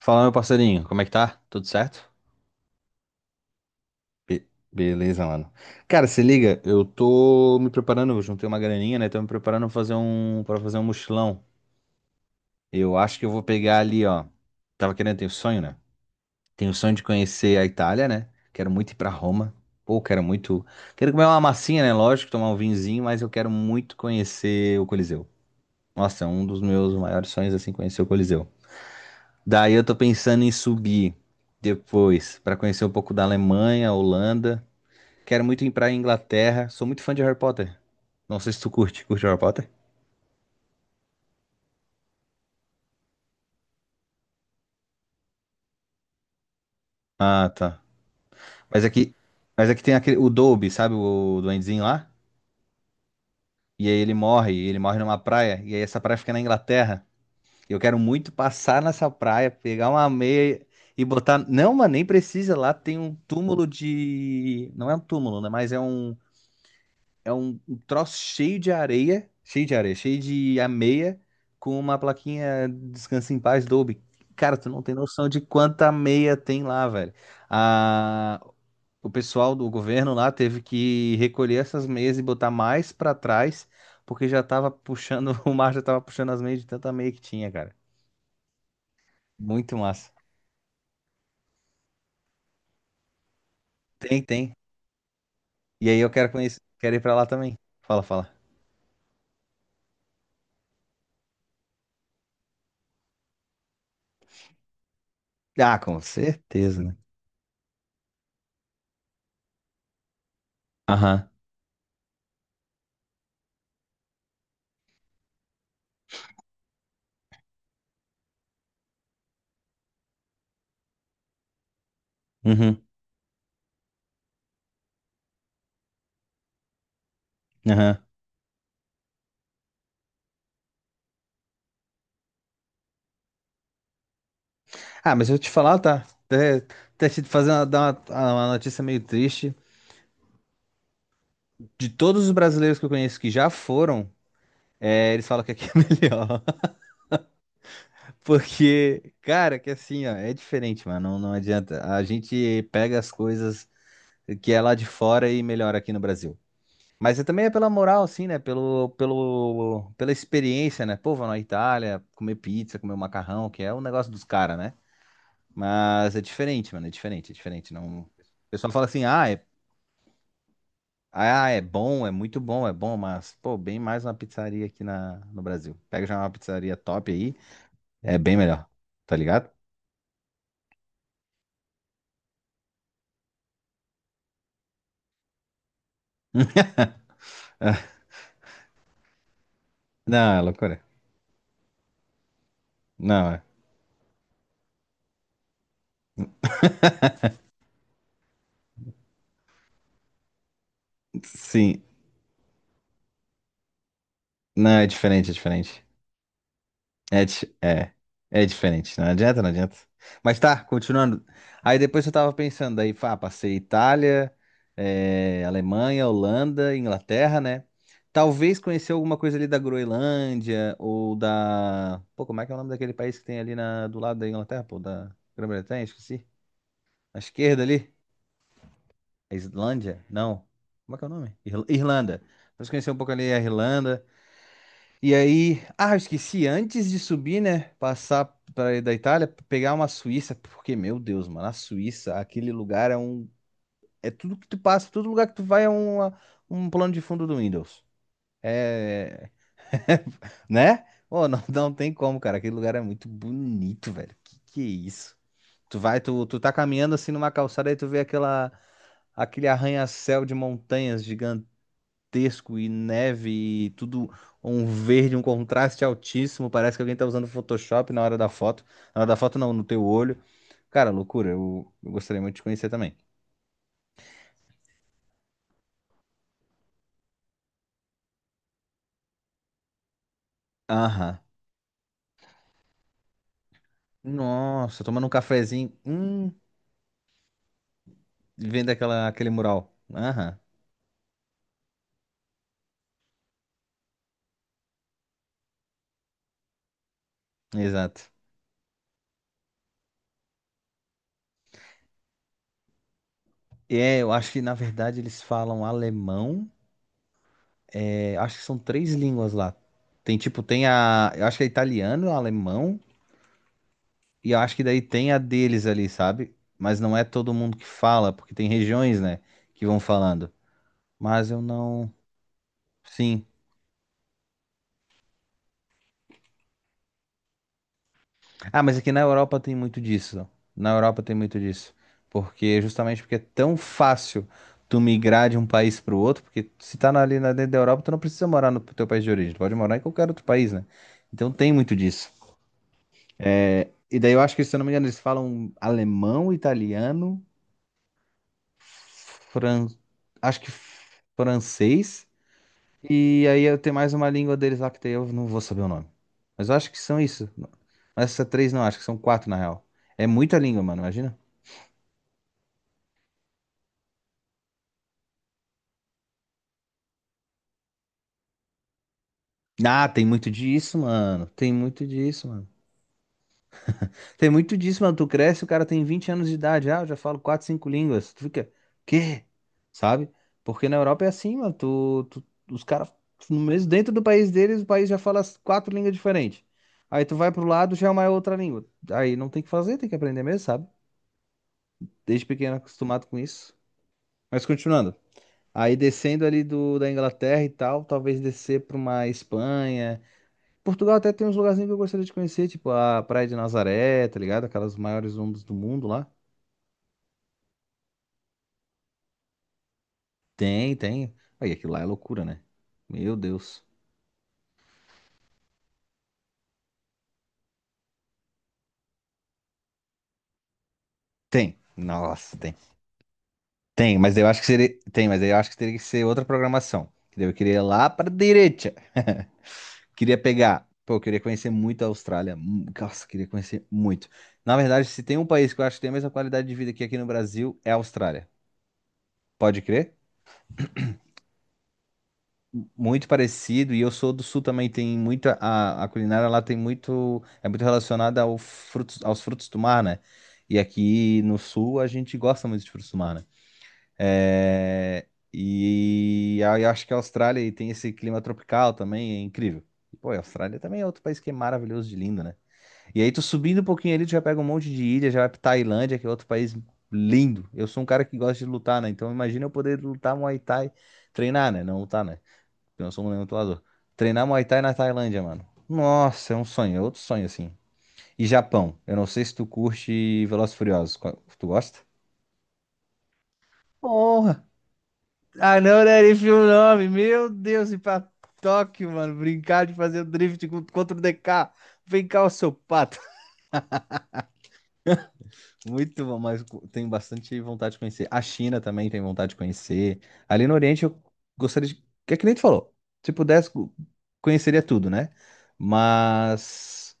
Fala, meu parceirinho, como é que tá? Tudo certo? Be- Beleza, mano. Cara, se liga, eu tô me preparando, eu juntei uma graninha, né? Tô me preparando pra para fazer um mochilão. Eu acho que eu vou pegar ali, ó. Tava querendo, tenho sonho, né? Tenho sonho de conhecer a Itália, né? Quero muito ir pra Roma. Pô, quero muito. Quero comer uma massinha, né? Lógico, tomar um vinzinho, mas eu quero muito conhecer o Coliseu. Nossa, é um dos meus maiores sonhos, assim, conhecer o Coliseu. Daí eu tô pensando em subir depois pra conhecer um pouco da Alemanha, Holanda. Quero muito ir pra Inglaterra. Sou muito fã de Harry Potter. Não sei se tu curte. Curte Harry Potter? Ah, tá. Mas aqui, mas aqui tem aquele, o Dobby, sabe? O duendezinho lá. E aí ele morre. Ele morre numa praia. E aí essa praia fica na Inglaterra. Eu quero muito passar nessa praia, pegar uma meia e botar. Não, mano, nem precisa. Lá tem um túmulo de. Não é um túmulo, né? Mas é um é um, um troço cheio de areia, cheio de areia, cheio de ameia, com uma plaquinha Descanse em Paz Dolby. Cara, tu não tem noção de quanta ameia tem lá, velho. A, o pessoal do governo lá teve que recolher essas meias e botar mais pra trás, porque já tava puxando, o mar já tava puxando as meias de tanta ameia que tinha, cara. Muito massa. Tem, tem. E aí eu quero conhecer, quero ir pra lá também. Fala, fala. Ah, com certeza, né? Aham. Uhum. Aham. Ah, mas eu te falar, tá? Até te fazer uma, uma notícia meio triste. De todos os brasileiros que eu conheço que já foram, é, eles falam que aqui é melhor. Porque, cara, que assim, ó, é diferente, mano. Não adianta. A gente pega as coisas que é lá de fora e melhora aqui no Brasil. Mas é também é pela moral, assim, né? Pela experiência, né? Pô, vou na Itália, comer pizza, comer um macarrão, que é o negócio dos caras, né? Mas é diferente, mano. É diferente, é diferente. Não... O pessoal fala assim, ah, é ah, é bom, é muito bom, é bom, mas, pô, bem mais uma pizzaria no Brasil. Pega já uma pizzaria top aí, é bem melhor, tá ligado? Não, é loucura. Não, é. Sim, não, é diferente, é diferente. É, é diferente, não adianta, não adianta. Mas tá, continuando. Aí depois eu tava pensando, aí, pá, passei Itália, Alemanha, Holanda, Inglaterra, né? Talvez conhecer alguma coisa ali da Groenlândia ou da. Pô, como é que é o nome daquele país que tem ali na... do lado da Inglaterra, pô, da Grã-Bretanha, esqueci. À esquerda ali? A Islândia? Não. Como é que é o nome? Irlanda. Talvez conhecer um pouco ali a Irlanda. E aí, ah, eu esqueci, antes de subir, né, passar da Itália, pegar uma Suíça, porque, meu Deus, mano, a Suíça, aquele lugar é um, é tudo que tu passa, todo lugar que tu vai é uma, um plano de fundo do Windows, é, né? Ô, não, não tem como, cara, aquele lugar é muito bonito, velho, que é isso? Tu tá caminhando assim numa calçada e tu vê aquela, aquele arranha-céu de montanhas gigantesco e neve e tudo um verde, um contraste altíssimo. Parece que alguém tá usando Photoshop na hora da foto. Na hora da foto, não, no teu olho. Cara, loucura. Eu gostaria muito de conhecer também. Aham. Nossa, tomando um cafezinho. Vendo aquela, aquele mural. Aham, exato. É, eu acho que na verdade eles falam alemão. É, acho que são três línguas lá. Tem tipo, tem a. Eu acho que é italiano, alemão. E eu acho que daí tem a deles ali, sabe? Mas não é todo mundo que fala, porque tem regiões, né, que vão falando. Mas eu não. Sim. Ah, mas aqui na Europa tem muito disso. Na Europa tem muito disso. Porque justamente porque é tão fácil tu migrar de um país para o outro, porque se tá na- ali na dentro da Europa, tu não precisa morar no teu país de origem, tu pode morar em qualquer outro país, né? Então tem muito disso. E daí eu acho que, se eu não me engano, eles falam alemão, italiano, fran... acho que francês. E aí eu tenho mais uma língua deles lá que daí eu não vou saber o nome. Mas eu acho que são isso. Mas Essa três não, acho que são quatro na real. É muita língua, mano, imagina. Ah, tem muito disso, mano. Tem muito disso, mano. Tem muito disso, mano. Tu cresce, o cara tem 20 anos de idade. Ah, eu já falo quatro, cinco línguas. Tu fica, quê? Sabe? Porque na Europa é assim, mano. Os caras, mesmo dentro do país deles, o país já fala as quatro línguas diferentes. Aí tu vai pro lado, já é uma outra língua. Aí não tem o que fazer, tem que aprender mesmo, sabe? Desde pequeno acostumado com isso. Mas continuando. Aí descendo ali da Inglaterra e tal, talvez descer para uma Espanha. Portugal até tem uns lugarzinhos que eu gostaria de conhecer, tipo a Praia de Nazaré, tá ligado? Aquelas maiores ondas do mundo lá. Tem, tem. Aí aquilo lá é loucura, né? Meu Deus. Tem. Nossa, tem. Tem, mas eu acho que seria. Tem, mas eu acho que teria que ser outra programação. Que daí eu queria ir lá para direita. Queria pegar. Pô, eu queria conhecer muito a Austrália. Nossa, queria conhecer muito. Na verdade, se tem um país que eu acho que tem a mesma qualidade de vida que aqui no Brasil, é a Austrália. Pode crer? Muito parecido. E eu sou do Sul também. Tem muita. A culinária lá tem muito. É muito relacionada ao frutos, aos frutos do mar, né? E aqui no Sul a gente gosta muito de frutos do mar, né? É, e aí eu acho que a Austrália e tem esse clima tropical também, é incrível. E, pô, a Austrália também é outro país que é maravilhoso de lindo, né? E aí tu subindo um pouquinho ali, tu já pega um monte de ilha, já vai pra Tailândia, que é outro país lindo. Eu sou um cara que gosta de lutar, né? Então imagina eu poder lutar Muay Thai, treinar, né? Não lutar, né? Porque eu não sou um lutador. Treinar Muay Thai na Tailândia, mano. Nossa, é um sonho, é outro sonho assim. E Japão, eu não sei se tu curte Velozes e Furiosos. Tu gosta? Porra! Ah, não, né? Ele o nome. Meu Deus, e pra Tóquio, mano. Brincar de fazer contra o DK. Vem cá, o seu pato. Muito bom, mas tenho bastante vontade de conhecer. A China também tem vontade de conhecer. Ali no Oriente eu gostaria de. Que é que nem tu falou. Se pudesse, conheceria tudo, né? Mas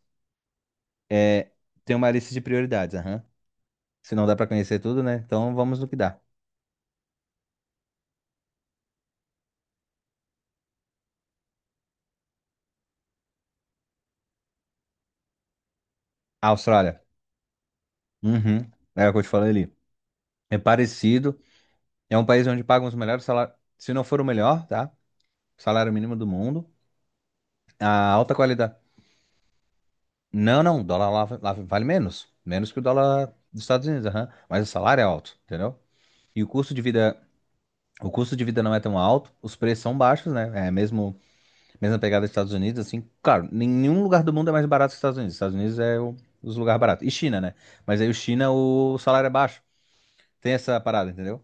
é, tem uma lista de prioridades, aham. Se não dá pra conhecer tudo, né? Então vamos no que dá. A Austrália. Uhum. É o que eu te falei ali. É parecido. É um país onde pagam os melhores salários. Se não for o melhor, tá? Salário mínimo do mundo. A alta qualidade. Não, não, o lá vale menos. Menos que o dólar dos Estados Unidos, aham. Mas o salário é alto, entendeu? E o custo de vida, o custo de vida não é tão alto, os preços são baixos, né? É mesmo, mesma pegada dos Estados Unidos, assim, claro, nenhum lugar do mundo é mais barato que os Estados Unidos. Os lugares baratos. E China, né? Mas aí o China, o salário é baixo. Tem essa parada, entendeu?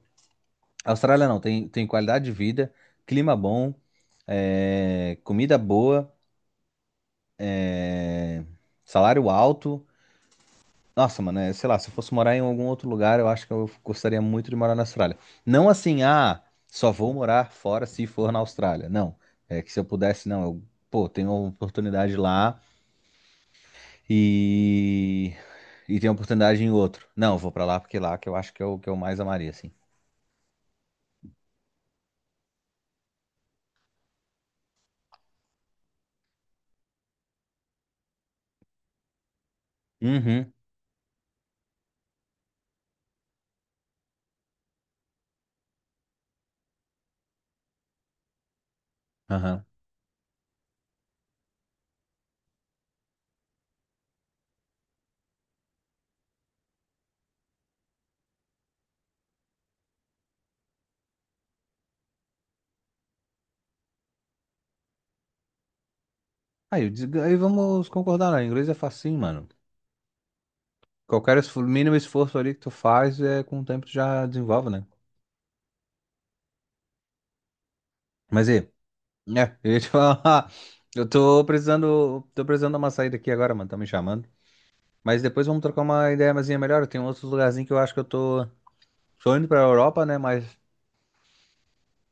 A Austrália não, tem, tem qualidade de vida, clima bom, é, comida boa, é, salário alto. Nossa, mano, é, sei lá, se eu fosse morar em algum outro lugar, eu acho que eu gostaria muito de morar na Austrália. Não assim, ah, só vou morar fora se for na Austrália. Não. É que se eu pudesse, não, eu, pô, tenho uma oportunidade lá e. E tenho oportunidade em outro. Não, eu vou pra lá porque lá que eu acho que é o que eu mais amaria, assim. Uhum. Aham. Aí vamos concordar, né? Inglês é facinho, mano. Mínimo esforço ali que tu faz, é, com o tempo tu já desenvolve, né? Mas e, é, eu ia te falar, eu tô precisando dar uma saída aqui agora, mano, tá me chamando. Mas depois vamos trocar uma ideia mais melhor. Tem outros lugarzinhos que eu acho que tô indo pra Europa, né? Mas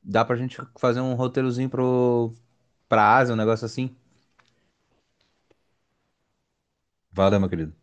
dá pra gente fazer um roteirozinho pra Ásia, um negócio assim. Valeu, meu querido.